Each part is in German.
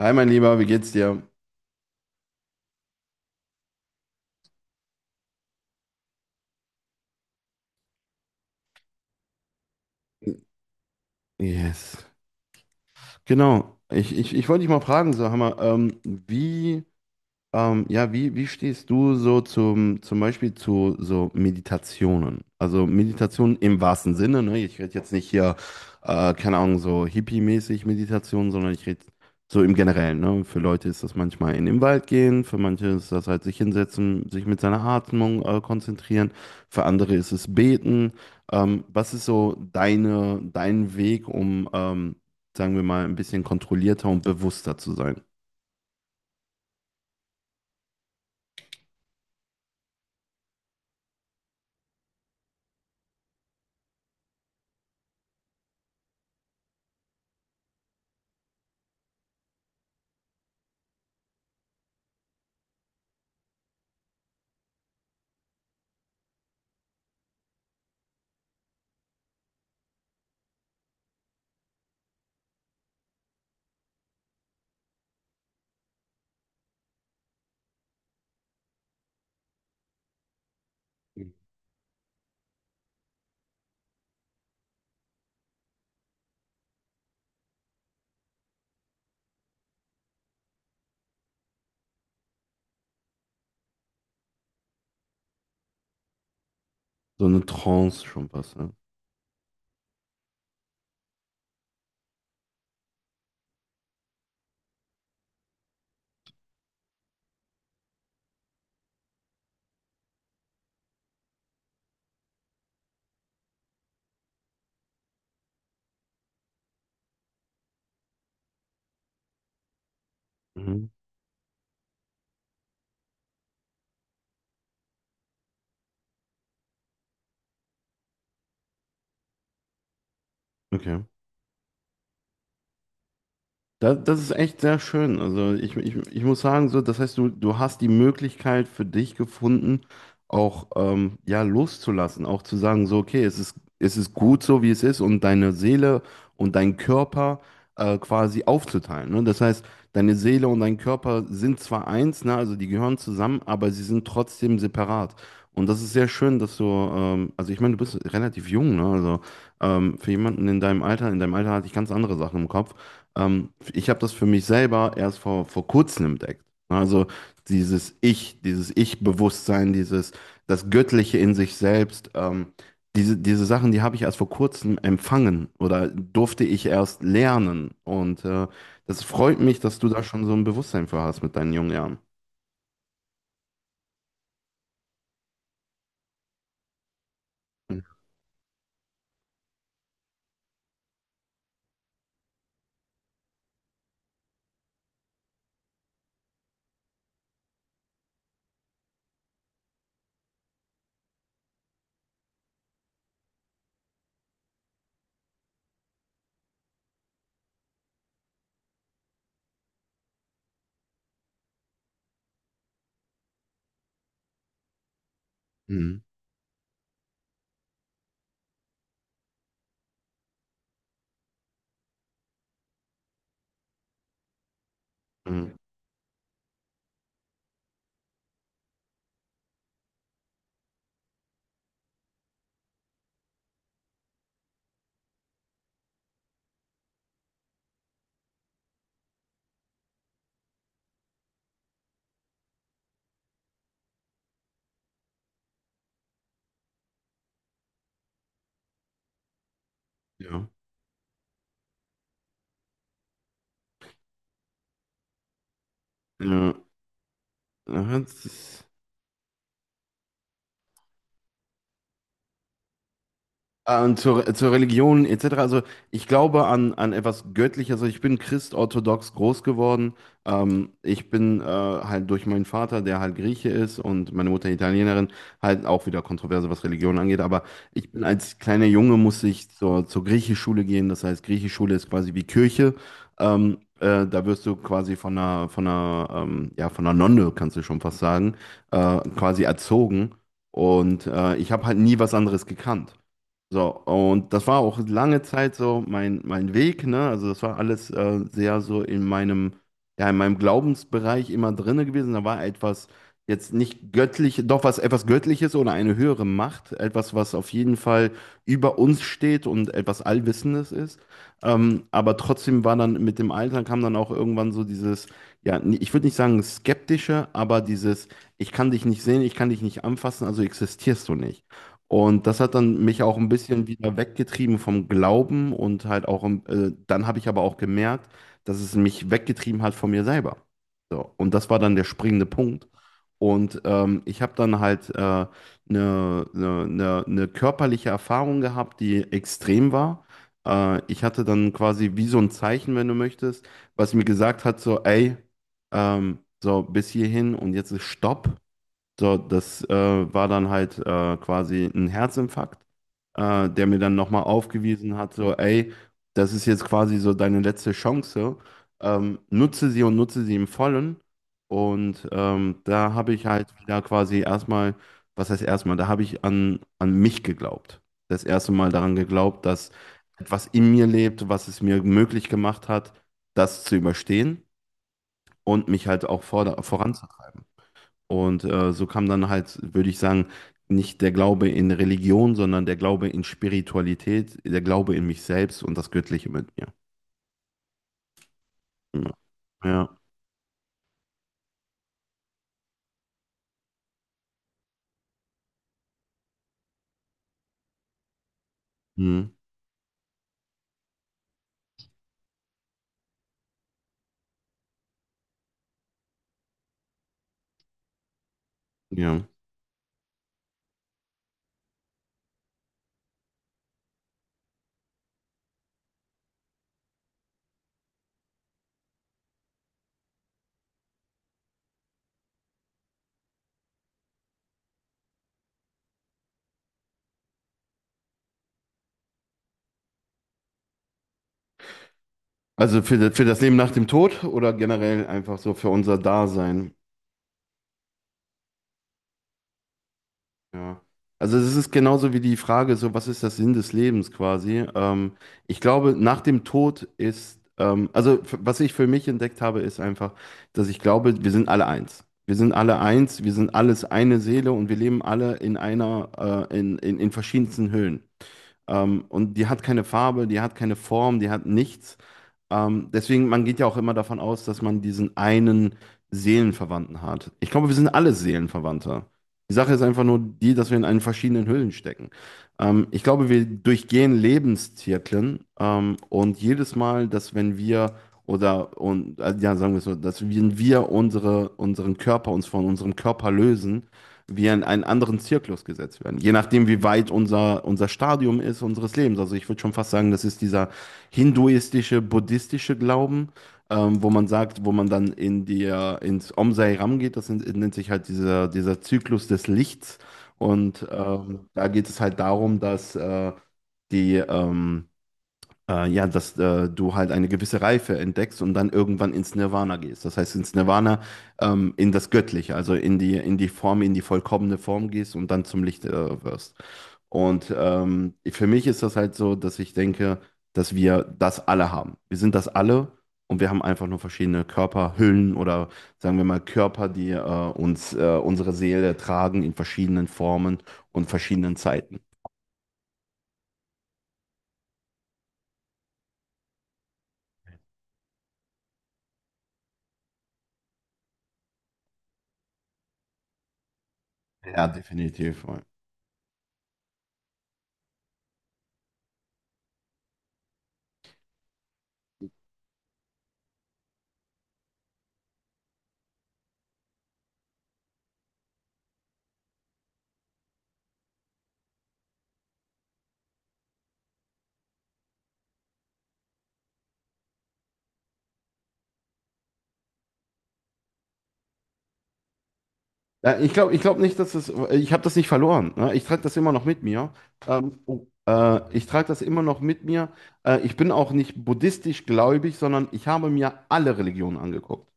Hi, mein Lieber, wie geht's dir? Yes. Genau. Ich wollte dich mal fragen, so Hammer, wie ja, wie stehst du so zum Beispiel zu so Meditationen? Also Meditationen im wahrsten Sinne, ne? Ich rede jetzt nicht hier, keine Ahnung, so hippie-mäßig Meditation, sondern ich rede so im Generellen, ne? Für Leute ist das manchmal in den Wald gehen, für manche ist das halt sich hinsetzen, sich mit seiner Atmung, konzentrieren, für andere ist es beten. Was ist so dein Weg, um, sagen wir mal, ein bisschen kontrollierter und bewusster zu sein? So eine Trance schon was. Mhm. Okay. Das, das ist echt sehr schön. Also ich muss sagen, so, das heißt, du hast die Möglichkeit für dich gefunden, auch ja, loszulassen, auch zu sagen, so, okay, es es ist gut so, wie es ist, und deine Seele und dein Körper quasi aufzuteilen. Ne? Das heißt, deine Seele und dein Körper sind zwar eins, ne, also die gehören zusammen, aber sie sind trotzdem separat. Und das ist sehr schön, dass du, also ich meine, du bist relativ jung, ne? Also für jemanden in deinem Alter hatte ich ganz andere Sachen im Kopf. Ich habe das für mich selber erst vor kurzem entdeckt. Also dieses Ich, dieses Ich-Bewusstsein, dieses das Göttliche in sich selbst, diese Sachen, die habe ich erst vor kurzem empfangen oder durfte ich erst lernen. Und das freut mich, dass du da schon so ein Bewusstsein für hast mit deinen jungen Jahren. Mhm. Mhm. Ja. Ja. Ja, das ist. Und zur Religion etc. Also ich glaube an etwas Göttliches. Also ich bin christorthodox groß geworden. Ich bin halt durch meinen Vater, der halt Grieche ist und meine Mutter Italienerin, halt auch wieder kontroverse, was Religion angeht. Aber ich bin als kleiner Junge musste ich zur Griechischschule gehen. Das heißt, Griechischschule ist quasi wie Kirche. Da wirst du quasi von von ja, von einer Nonne, kannst du schon fast sagen, quasi erzogen. Und ich habe halt nie was anderes gekannt. So, und das war auch lange Zeit so mein Weg, ne? Also das war alles sehr so in meinem, ja, in meinem Glaubensbereich immer drinne gewesen. Da war etwas jetzt nicht göttlich, doch was etwas Göttliches oder eine höhere Macht, etwas, was auf jeden Fall über uns steht und etwas Allwissendes ist. Aber trotzdem war dann mit dem Alter kam dann auch irgendwann so dieses, ja, ich würde nicht sagen skeptische, aber dieses, ich kann dich nicht sehen, ich kann dich nicht anfassen, also existierst du nicht. Und das hat dann mich auch ein bisschen wieder weggetrieben vom Glauben und halt auch, dann habe ich aber auch gemerkt, dass es mich weggetrieben hat von mir selber. So, und das war dann der springende Punkt. Und ich habe dann halt eine körperliche Erfahrung gehabt, die extrem war. Ich hatte dann quasi wie so ein Zeichen, wenn du möchtest, was mir gesagt hat, so, ey, so bis hierhin und jetzt ist Stopp. So, das war dann halt quasi ein Herzinfarkt, der mir dann nochmal aufgewiesen hat, so, ey, das ist jetzt quasi so deine letzte Chance, nutze sie und nutze sie im Vollen. Und da habe ich halt wieder quasi erstmal, was heißt erstmal, da habe ich an mich geglaubt. Das erste Mal daran geglaubt, dass etwas in mir lebt, was es mir möglich gemacht hat, das zu überstehen und mich halt auch voranzutreiben. Und so kam dann halt, würde ich sagen, nicht der Glaube in Religion, sondern der Glaube in Spiritualität, der Glaube in mich selbst und das Göttliche mit mir. Ja. Ja. Mhm. Ja. Also für das Leben nach dem Tod oder generell einfach so für unser Dasein. Ja. Also es ist genauso wie die Frage, so was ist der Sinn des Lebens quasi? Ich glaube, nach dem Tod ist, also was ich für mich entdeckt habe, ist einfach, dass ich glaube, wir sind alle eins. Wir sind alle eins, wir sind alles eine Seele und wir leben alle in einer, in verschiedensten Höhen. Und die hat keine Farbe, die hat keine Form, die hat nichts. Deswegen, man geht ja auch immer davon aus, dass man diesen einen Seelenverwandten hat. Ich glaube, wir sind alle Seelenverwandte. Die Sache ist einfach nur die, dass wir in einen verschiedenen Hüllen stecken. Ich glaube, wir durchgehen Lebenszyklen und jedes Mal, dass wenn wir oder und ja, sagen wir es so, dass wenn wir unsere, unseren Körper uns von unserem Körper lösen, wir in einen anderen Zirklus gesetzt werden. Je nachdem, wie weit unser Stadium ist, unseres Lebens. Also ich würde schon fast sagen, das ist dieser hinduistische, buddhistische Glauben, wo man sagt, wo man dann in die, ins Om Sai Ram geht, das nennt sich halt dieser, dieser Zyklus des Lichts. Und da geht es halt darum, dass die, ähm, ja, dass du halt eine gewisse Reife entdeckst und dann irgendwann ins Nirvana gehst. Das heißt, ins Nirvana, in das Göttliche, also in die Form, in die vollkommene Form gehst und dann zum Licht wirst. Und für mich ist das halt so, dass ich denke, dass wir das alle haben. Wir sind das alle und wir haben einfach nur verschiedene Körperhüllen oder sagen wir mal Körper, die unsere Seele tragen in verschiedenen Formen und verschiedenen Zeiten. Ja, definitiv. Ja, ich glaube nicht, dass es. Ich habe das nicht verloren. Ne? Ich trage das immer noch mit mir. Oh, ich trage das immer noch mit mir. Ich bin auch nicht buddhistisch gläubig, sondern ich habe mir alle Religionen angeguckt.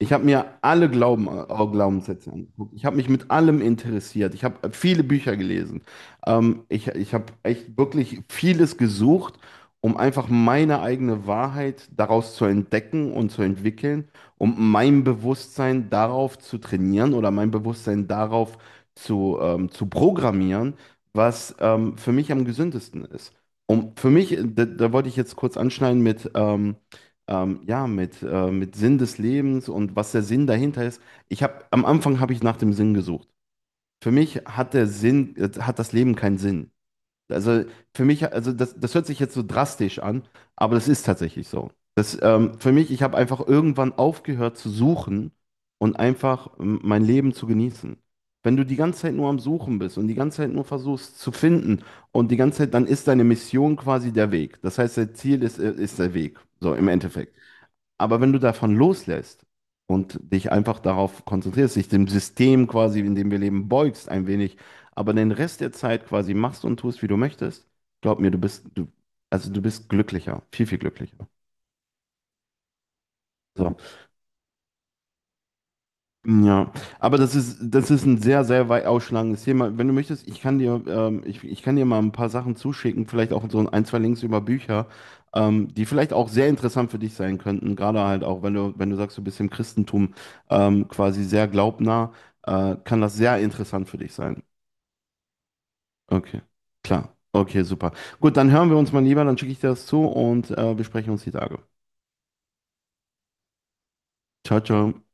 Ich habe mir alle Glauben, Glaubenssätze angeguckt. Ich habe mich mit allem interessiert. Ich habe viele Bücher gelesen. Ich habe echt wirklich vieles gesucht, um einfach meine eigene Wahrheit daraus zu entdecken und zu entwickeln um mein Bewusstsein darauf zu trainieren oder mein Bewusstsein darauf zu programmieren, was für mich am gesündesten ist. Und für mich, da wollte ich jetzt kurz anschneiden mit, ja, mit Sinn des Lebens und was der Sinn dahinter ist. Ich habe, am Anfang habe ich nach dem Sinn gesucht. Für mich hat der Sinn, hat das Leben keinen Sinn. Also für mich, also das hört sich jetzt so drastisch an, aber das ist tatsächlich so. Das, für mich, ich habe einfach irgendwann aufgehört zu suchen und einfach mein Leben zu genießen. Wenn du die ganze Zeit nur am Suchen bist und die ganze Zeit nur versuchst zu finden und die ganze Zeit, dann ist deine Mission quasi der Weg. Das heißt, dein Ziel ist, ist der Weg, so im Endeffekt. Aber wenn du davon loslässt und dich einfach darauf konzentrierst, dich dem System quasi, in dem wir leben, beugst ein wenig, aber den Rest der Zeit quasi machst und tust, wie du möchtest, glaub mir, also du bist glücklicher, viel, viel glücklicher. So. Ja, aber das ist ein sehr, sehr weit ausschlagendes Thema. Wenn du möchtest, ich kann dir, ich kann dir mal ein paar Sachen zuschicken, vielleicht auch so ein, zwei Links über Bücher, die vielleicht auch sehr interessant für dich sein könnten, gerade halt auch, wenn wenn du sagst, du bist im Christentum quasi sehr glaubnah, kann das sehr interessant für dich sein. Okay, klar. Okay, super. Gut, dann hören wir uns mal lieber, dann schicke ich dir das zu und besprechen uns die Tage. Ciao, ciao.